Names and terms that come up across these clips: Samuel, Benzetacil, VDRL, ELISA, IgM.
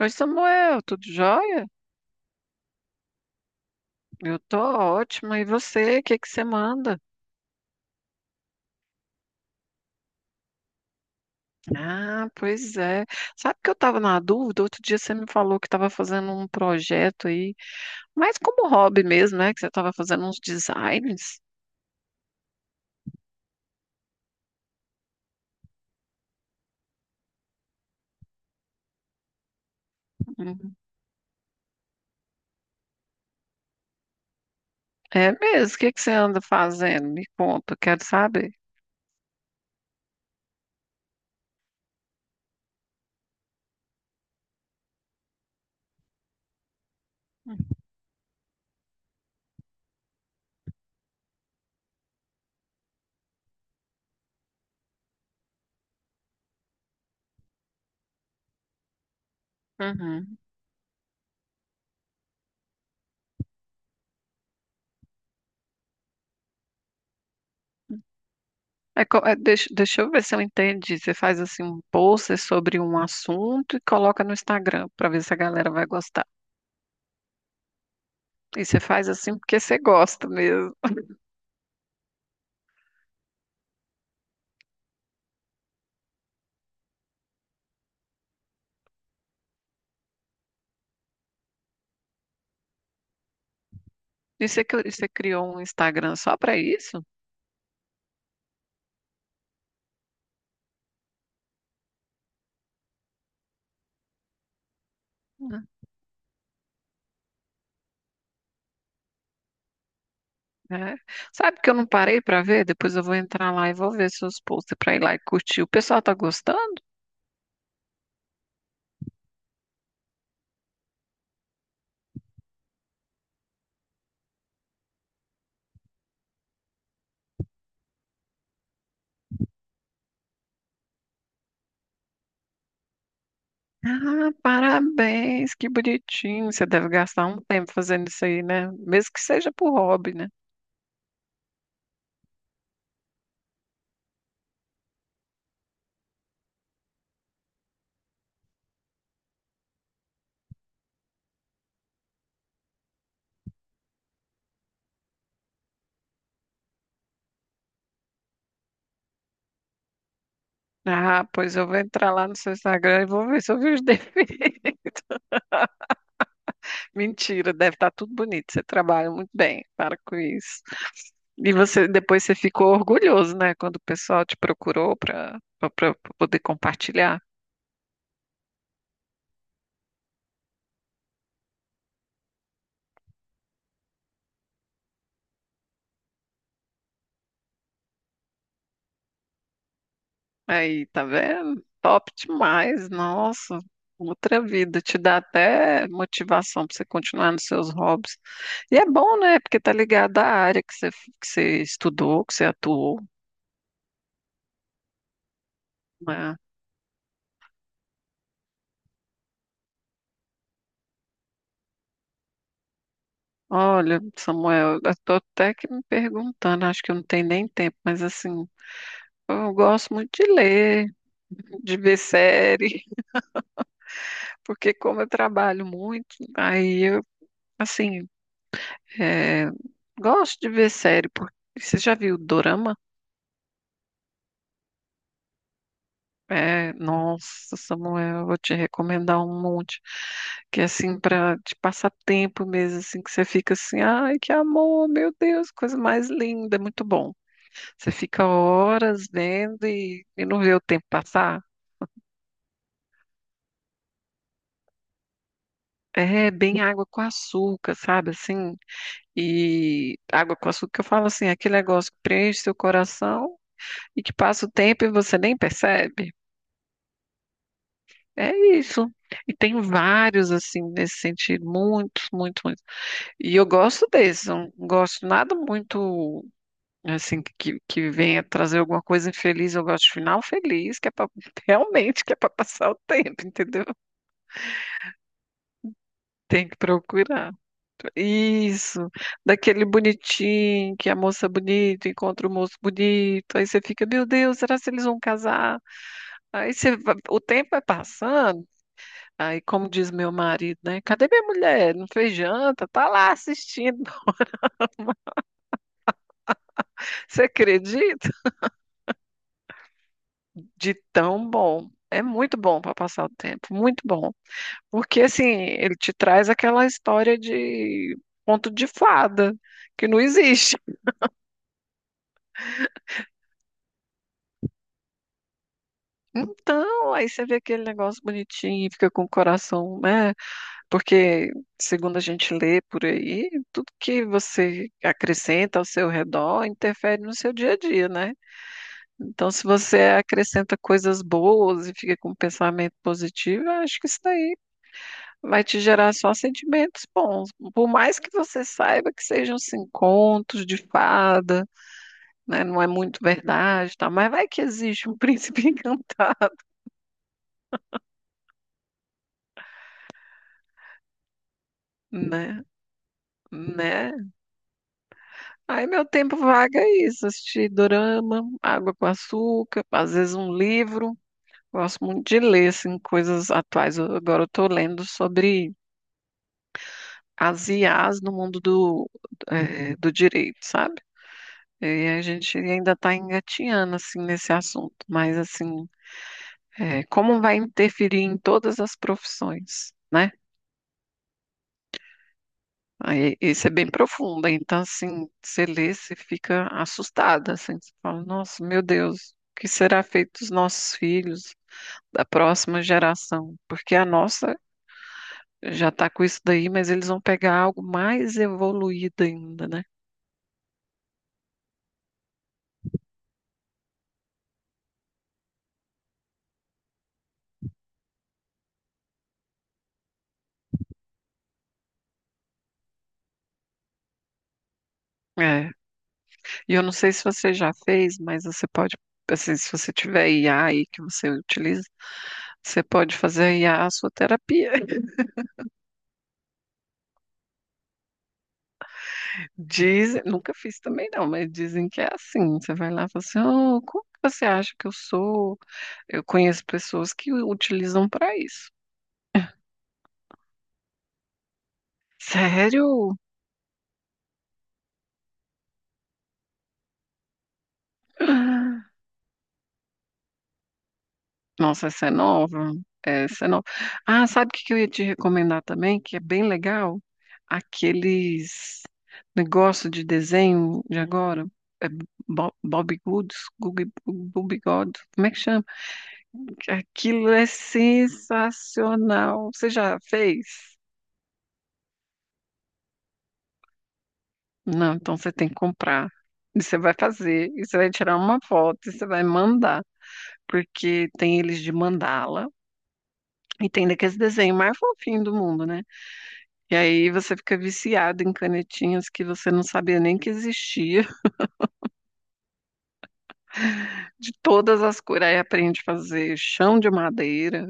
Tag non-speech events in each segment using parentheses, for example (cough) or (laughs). Oi, Samuel, tudo jóia? Eu tô ótima. E você, o que que você manda? Ah, pois é. Sabe que eu tava na dúvida? Outro dia você me falou que tava fazendo um projeto aí, mas como hobby mesmo, né? Que você tava fazendo uns designs. Uhum. É mesmo? O que que você anda fazendo? Me conta, quero saber. Uhum. É, deixa eu ver se eu entendi. Você faz assim um post sobre um assunto e coloca no Instagram para ver se a galera vai gostar. E você faz assim porque você gosta mesmo. E você, você criou um Instagram só para isso? Né? Sabe que eu não parei para ver? Depois eu vou entrar lá e vou ver seus posts para ir lá e curtir. O pessoal tá gostando? Ah, parabéns, que bonitinho. Você deve gastar um tempo fazendo isso aí, né? Mesmo que seja por hobby, né? Ah, pois eu vou entrar lá no seu Instagram e vou ver se eu vi os defeitos. (laughs) Mentira, deve estar tudo bonito. Você trabalha muito bem, para com isso. E você depois você ficou orgulhoso, né? Quando o pessoal te procurou para para poder compartilhar. Aí, tá vendo? Top demais, nossa. Outra vida, te dá até motivação para você continuar nos seus hobbies. E é bom, né? Porque tá ligado à área que você estudou, que você atuou, né? Olha, Samuel, eu tô até que me perguntando, acho que eu não tenho nem tempo, mas assim, eu gosto muito de ler, (laughs) de ver série, (laughs) porque como eu trabalho muito, aí eu, assim, é, gosto de ver série, porque você já viu Dorama? É, nossa, Samuel, eu vou te recomendar um monte, que é assim, para te passar tempo mesmo, assim, que você fica assim, ai, que amor, meu Deus, coisa mais linda, muito bom. Você fica horas vendo e não vê o tempo passar. É bem água com açúcar, sabe assim? E água com açúcar, eu falo assim, aquele negócio que preenche seu coração e que passa o tempo e você nem percebe. É isso. E tem vários, assim, nesse sentido, muitos, muitos, muitos. E eu gosto desse, não gosto nada muito, assim, que venha trazer alguma coisa infeliz. Eu gosto de final feliz, que é pra, (laughs) realmente que é para passar o tempo, entendeu? Tem que procurar. Isso, daquele bonitinho, que a moça é bonita encontra o moço bonito, aí você fica, meu Deus, será que eles vão casar? Aí você, o tempo vai passando, aí como diz meu marido, né? Cadê minha mulher? Não fez janta, tá lá assistindo. (laughs) Você acredita? De tão bom. É muito bom para passar o tempo, muito bom. Porque assim, ele te traz aquela história de conto de fada, que não existe. Então, aí você vê aquele negócio bonitinho e fica com o coração, né? Porque, segundo a gente lê por aí, tudo que você acrescenta ao seu redor interfere no seu dia a dia, né? Então, se você acrescenta coisas boas e fica com um pensamento positivo, eu acho que isso daí vai te gerar só sentimentos bons. Por mais que você saiba que sejam assim, contos de fada, né? Não é muito verdade, tá? Mas vai que existe um príncipe (laughs) encantado, né? Né? Aí meu tempo vago é isso, assistir dorama, água com açúcar, às vezes um livro. Gosto muito de ler, assim, coisas atuais. Agora eu estou lendo sobre as IAs no mundo do, do direito, sabe? E a gente ainda está engatinhando, assim, nesse assunto. Mas, assim, como vai interferir em todas as profissões, né? Aí, isso é bem profundo, então assim, você lê, você fica assustada, assim, você fala, nossa, meu Deus, o que será feito dos nossos filhos, da próxima geração? Porque a nossa já está com isso daí, mas eles vão pegar algo mais evoluído ainda, né? É. E eu não sei se você já fez, mas você pode, assim, se você tiver IA aí que você utiliza, você pode fazer a IA a sua terapia. Dizem, nunca fiz também não, mas dizem que é assim. Você vai lá e fala assim, "Ah, como que você acha que eu sou? Eu conheço pessoas que utilizam para isso. Sério? Nossa, essa é nova. Essa é nova. Ah, sabe o que que eu ia te recomendar também, que é bem legal? Aqueles negócio de desenho de agora. É Bob Goods, Bob God, como é que chama? Aquilo é sensacional. Você já fez? Não, então você tem que comprar. E você vai fazer, e você vai tirar uma foto, e você vai mandar, porque tem eles de mandala, e tem daqueles desenhos mais fofinhos do mundo, né? E aí você fica viciado em canetinhas que você não sabia nem que existia, (laughs) de todas as cores. Aí aprende a fazer chão de madeira,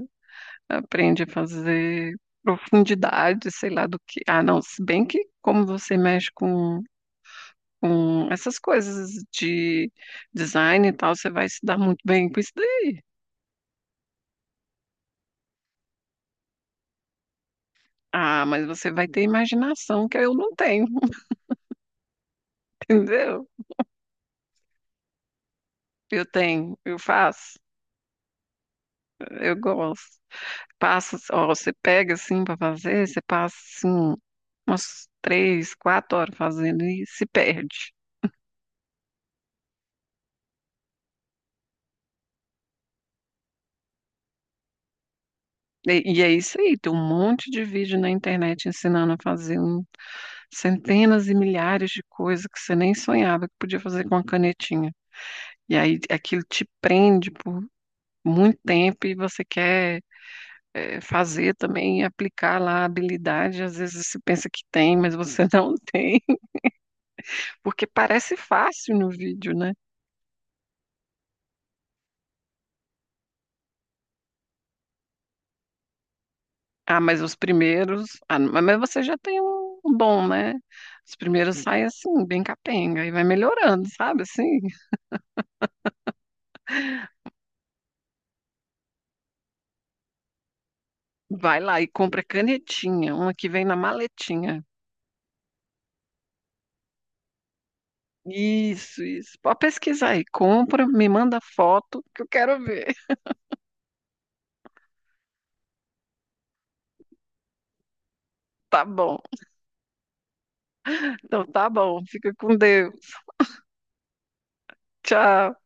aprende a fazer profundidade, sei lá do que. Ah, não, se bem que como você mexe com. Com essas coisas de design e tal, você vai se dar muito bem com isso. Ah, mas você vai ter imaginação que eu não tenho, (laughs) entendeu? Eu tenho, eu faço, eu gosto. Passa, ó, você pega assim para fazer, você passa assim umas três, quatro horas fazendo e se perde. E é isso aí, tem um monte de vídeo na internet ensinando a fazer centenas e milhares de coisas que você nem sonhava que podia fazer com a canetinha. E aí aquilo te prende por muito tempo e você quer fazer também, aplicar lá a habilidade. Às vezes você pensa que tem, mas você não tem, (laughs) porque parece fácil no vídeo, né? Ah, mas os primeiros. Ah, mas você já tem um bom, né? Os primeiros saem assim, bem capenga, e vai melhorando, sabe? Assim, vai lá e compra canetinha, uma que vem na maletinha. Isso, isso. Pode pesquisar aí. Compra, me manda foto que eu quero ver. (laughs) Tá bom. Então tá bom. Fica com Deus. Tchau.